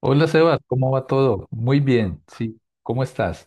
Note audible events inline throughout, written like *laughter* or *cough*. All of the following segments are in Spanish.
Hola Sebas, ¿cómo va todo? Muy bien, sí, ¿cómo estás?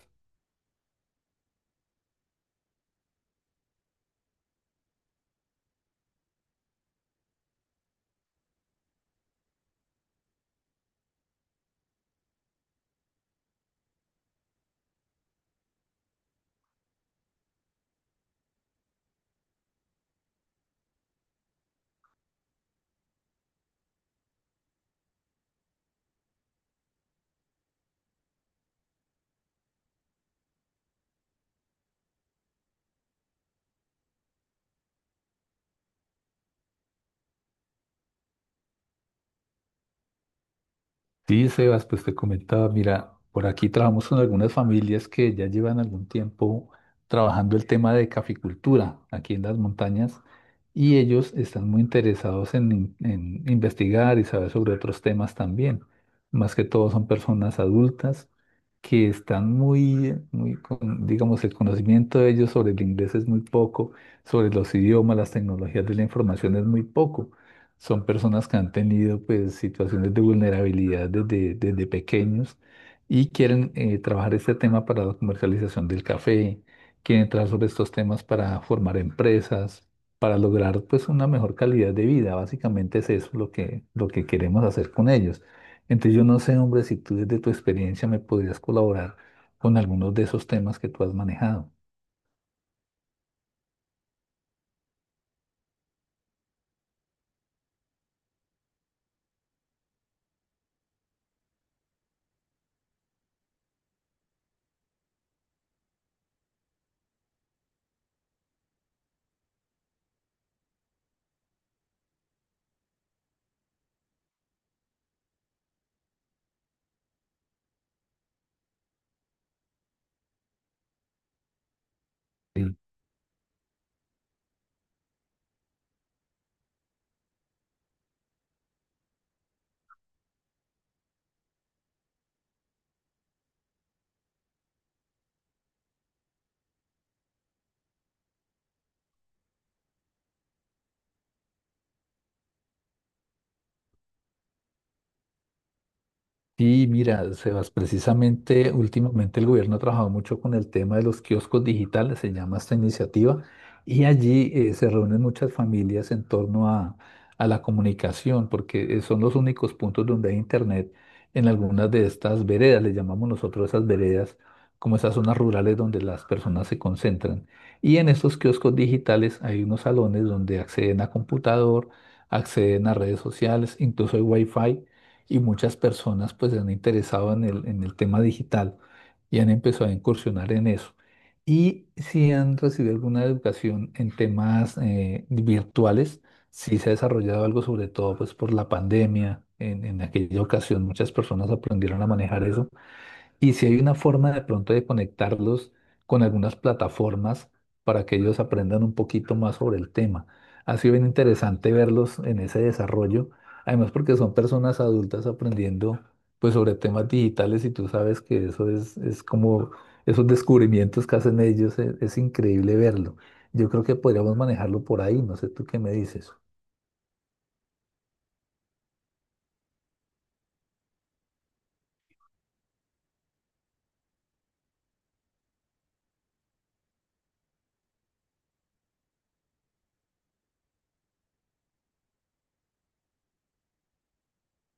Sí, Sebas, pues te comentaba, mira, por aquí trabajamos con algunas familias que ya llevan algún tiempo trabajando el tema de caficultura aquí en las montañas y ellos están muy interesados en investigar y saber sobre otros temas también. Más que todo son personas adultas que están muy, digamos, el conocimiento de ellos sobre el inglés es muy poco, sobre los idiomas, las tecnologías de la información es muy poco. Son personas que han tenido pues situaciones de vulnerabilidad desde pequeños y quieren trabajar este tema para la comercialización del café, quieren trabajar sobre estos temas para formar empresas, para lograr pues una mejor calidad de vida. Básicamente es eso lo que queremos hacer con ellos. Entonces yo no sé, hombre, si tú desde tu experiencia me podrías colaborar con algunos de esos temas que tú has manejado. Sí, mira, Sebas, precisamente últimamente el gobierno ha trabajado mucho con el tema de los kioscos digitales, se llama esta iniciativa, y allí se reúnen muchas familias en torno a la comunicación, porque son los únicos puntos donde hay internet en algunas de estas veredas, le llamamos nosotros esas veredas, como esas zonas rurales donde las personas se concentran. Y en estos kioscos digitales hay unos salones donde acceden a computador, acceden a redes sociales, incluso hay wifi y muchas personas pues se han interesado en el tema digital y han empezado a incursionar en eso. Y si han recibido alguna educación en temas virtuales, sí se ha desarrollado algo, sobre todo pues por la pandemia. En aquella ocasión muchas personas aprendieron a manejar eso y si hay una forma de pronto de conectarlos con algunas plataformas para que ellos aprendan un poquito más sobre el tema. Ha sido bien interesante verlos en ese desarrollo, además porque son personas adultas aprendiendo pues sobre temas digitales y tú sabes que eso es como esos descubrimientos que hacen ellos, increíble verlo. Yo creo que podríamos manejarlo por ahí, no sé tú qué me dices.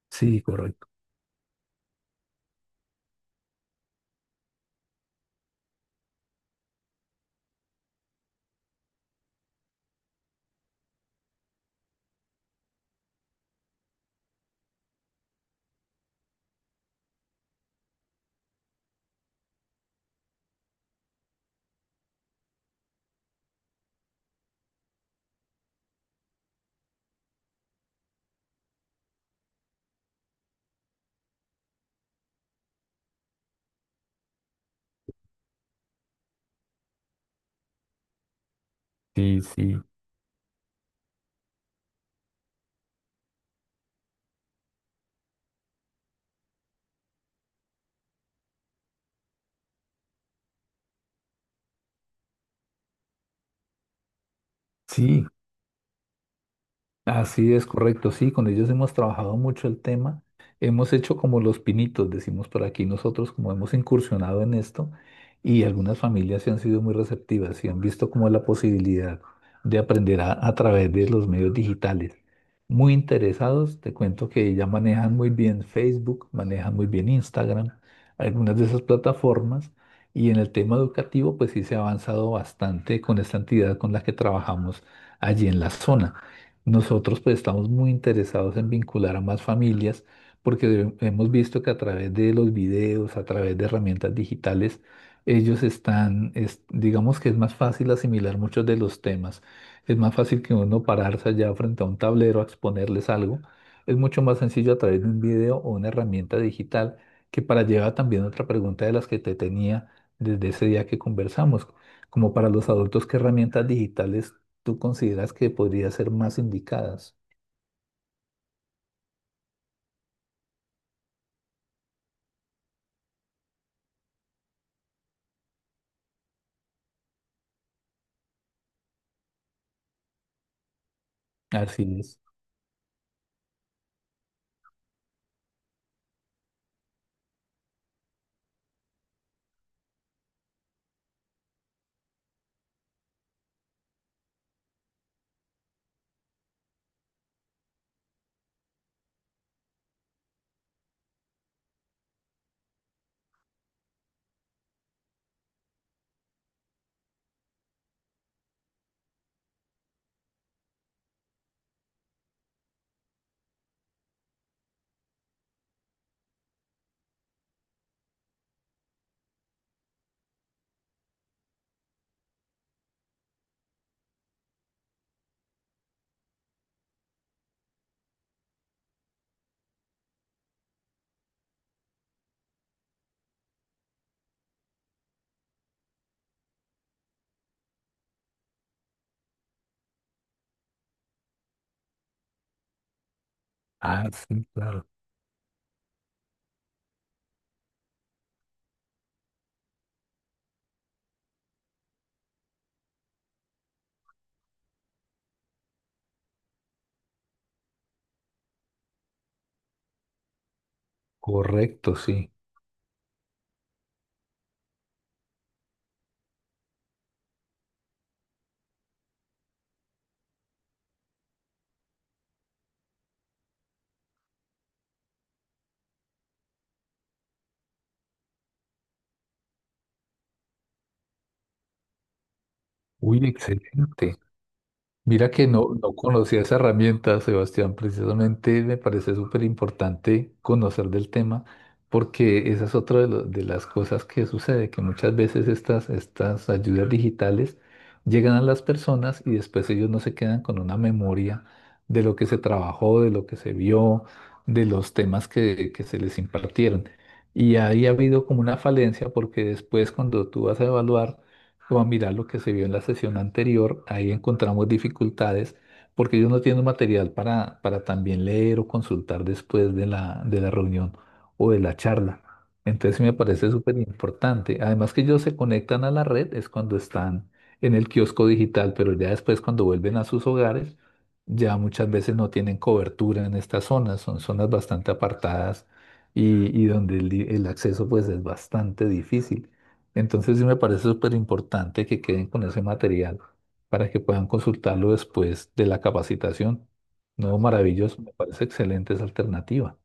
Sí, correcto. Sí, sí. Sí, así es, correcto, sí, con ellos hemos trabajado mucho el tema, hemos hecho como los pinitos, decimos por aquí nosotros, como hemos incursionado en esto y algunas familias se han sido muy receptivas y han visto como la posibilidad de aprender a través de los medios digitales. Muy interesados, te cuento que ya manejan muy bien Facebook, manejan muy bien Instagram, algunas de esas plataformas y en el tema educativo pues sí se ha avanzado bastante con esta entidad con la que trabajamos allí en la zona. Nosotros pues estamos muy interesados en vincular a más familias porque hemos visto que a través de los videos, a través de herramientas digitales, ellos están, digamos que es más fácil asimilar muchos de los temas. Es más fácil que uno pararse allá frente a un tablero a exponerles algo. Es mucho más sencillo a través de un video o una herramienta digital, que para llevar también otra pregunta de las que te tenía desde ese día que conversamos, como para los adultos, ¿qué herramientas digitales tú consideras que podrían ser más indicadas? Así es. Ah, sí, claro. Correcto, sí. Uy, excelente. Mira que no, no conocía esa herramienta, Sebastián. Precisamente me parece súper importante conocer del tema, porque esa es otra de las cosas que sucede, que muchas veces estas ayudas digitales llegan a las personas y después ellos no se quedan con una memoria de lo que se trabajó, de lo que se vio, de los temas que se les impartieron. Y ahí ha habido como una falencia, porque después cuando tú vas a evaluar, vamos a mirar lo que se vio en la sesión anterior, ahí encontramos dificultades porque ellos no tienen material para también leer o consultar después de de la reunión o de la charla. Entonces sí me parece súper importante. Además que ellos se conectan a la red es cuando están en el kiosco digital, pero ya después cuando vuelven a sus hogares, ya muchas veces no tienen cobertura en estas zonas, son zonas bastante apartadas y donde el acceso pues es bastante difícil. Entonces sí me parece súper importante que queden con ese material para que puedan consultarlo después de la capacitación. No, maravilloso, me parece excelente esa alternativa.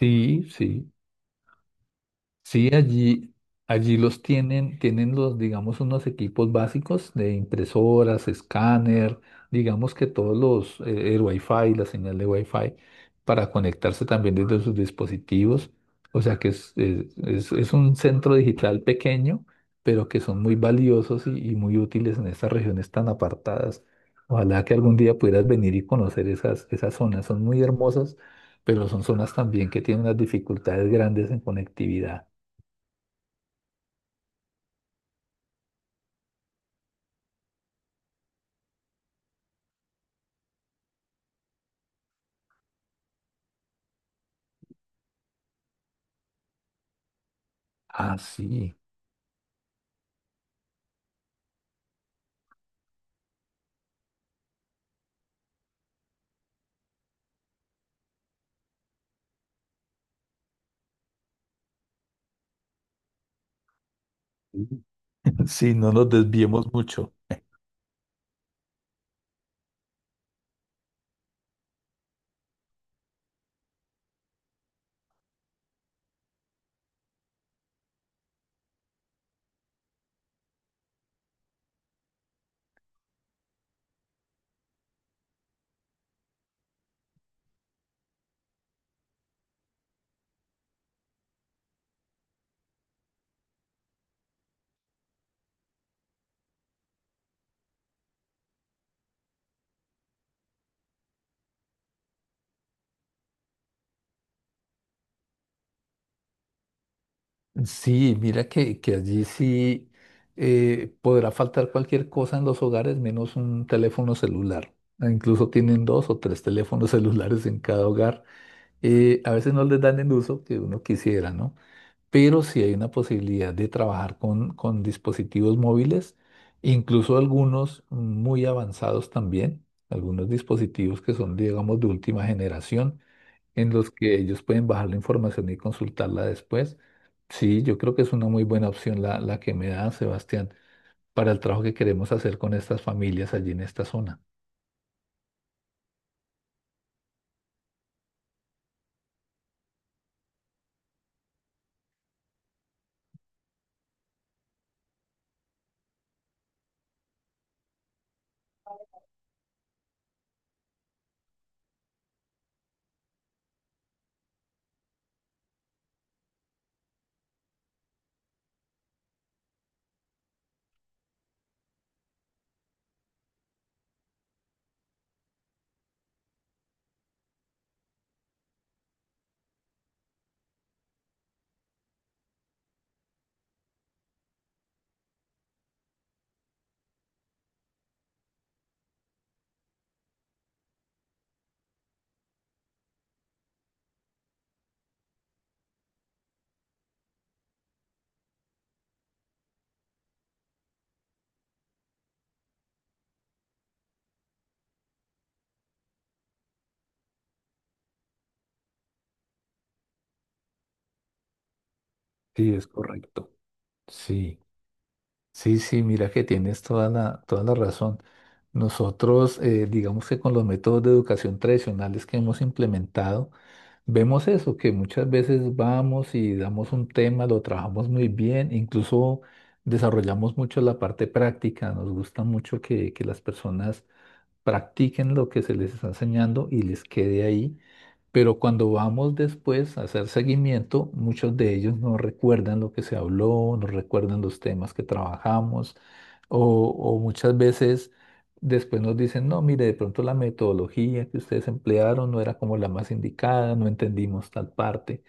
Sí, sí. Sí, allí los tienen, tienen los, digamos, unos equipos básicos de impresoras, escáner, digamos que todos los, el Wi-Fi, la señal de Wi-Fi, para conectarse también desde sus dispositivos. O sea que es un centro digital pequeño, pero que son muy valiosos y muy útiles en estas regiones tan apartadas. Ojalá que algún día pudieras venir y conocer esas zonas. Son muy hermosas, pero son zonas también que tienen unas dificultades grandes en conectividad. Ah, sí. *laughs* Sí, no nos desviemos mucho. Sí, mira que allí sí podrá faltar cualquier cosa en los hogares menos un teléfono celular. Ah, incluso tienen dos o tres teléfonos *laughs* celulares en cada hogar. A veces no les dan el uso que uno quisiera, ¿no? Pero sí hay una posibilidad de trabajar con dispositivos móviles, incluso algunos muy avanzados también, algunos dispositivos que son, digamos, de última generación en los que ellos pueden bajar la información y consultarla después. Sí, yo creo que es una muy buena opción la que me da Sebastián para el trabajo que queremos hacer con estas familias allí en esta zona. Sí, es correcto. Sí. Sí, sí, mira que tienes toda la razón. Nosotros, digamos que con los métodos de educación tradicionales que hemos implementado, vemos eso, que muchas veces vamos y damos un tema, lo trabajamos muy bien, incluso desarrollamos mucho la parte práctica, nos gusta mucho que las personas practiquen lo que se les está enseñando y les quede ahí. Pero cuando vamos después a hacer seguimiento, muchos de ellos no recuerdan lo que se habló, no recuerdan los temas que trabajamos o, o muchas veces después nos dicen, no, mire, de pronto la metodología que ustedes emplearon no era como la más indicada, no entendimos tal parte.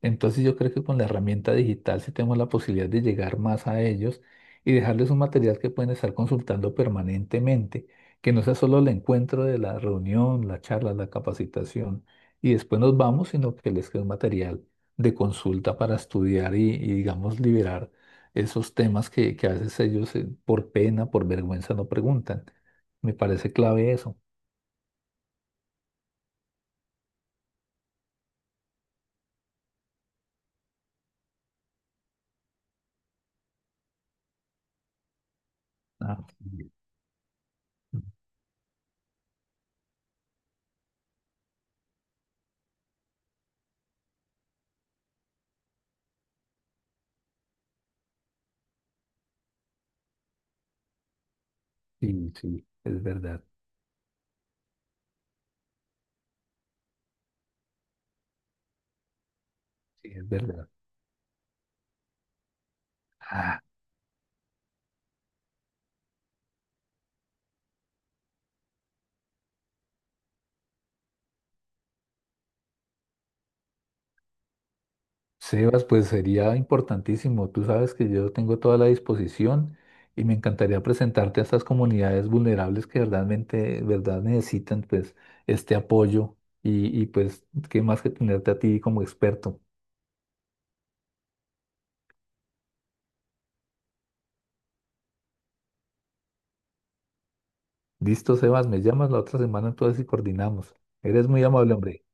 Entonces yo creo que con la herramienta digital sí tenemos la posibilidad de llegar más a ellos y dejarles un material que pueden estar consultando permanentemente, que no sea solo el encuentro de la reunión, la charla, la capacitación, y después nos vamos, sino que les quede un material de consulta para estudiar y, digamos, liberar esos temas que a veces ellos por pena, por vergüenza no preguntan. Me parece clave eso. Ah, sí, sí, sí, es verdad, sí, es verdad. Ah, Sebas, pues sería importantísimo. Tú sabes que yo tengo toda la disposición y me encantaría presentarte a estas comunidades vulnerables que verdaderamente, verdad necesitan pues este apoyo y pues qué más que tenerte a ti como experto. Listo, Sebas, me llamas la otra semana entonces y coordinamos. Eres muy amable, hombre.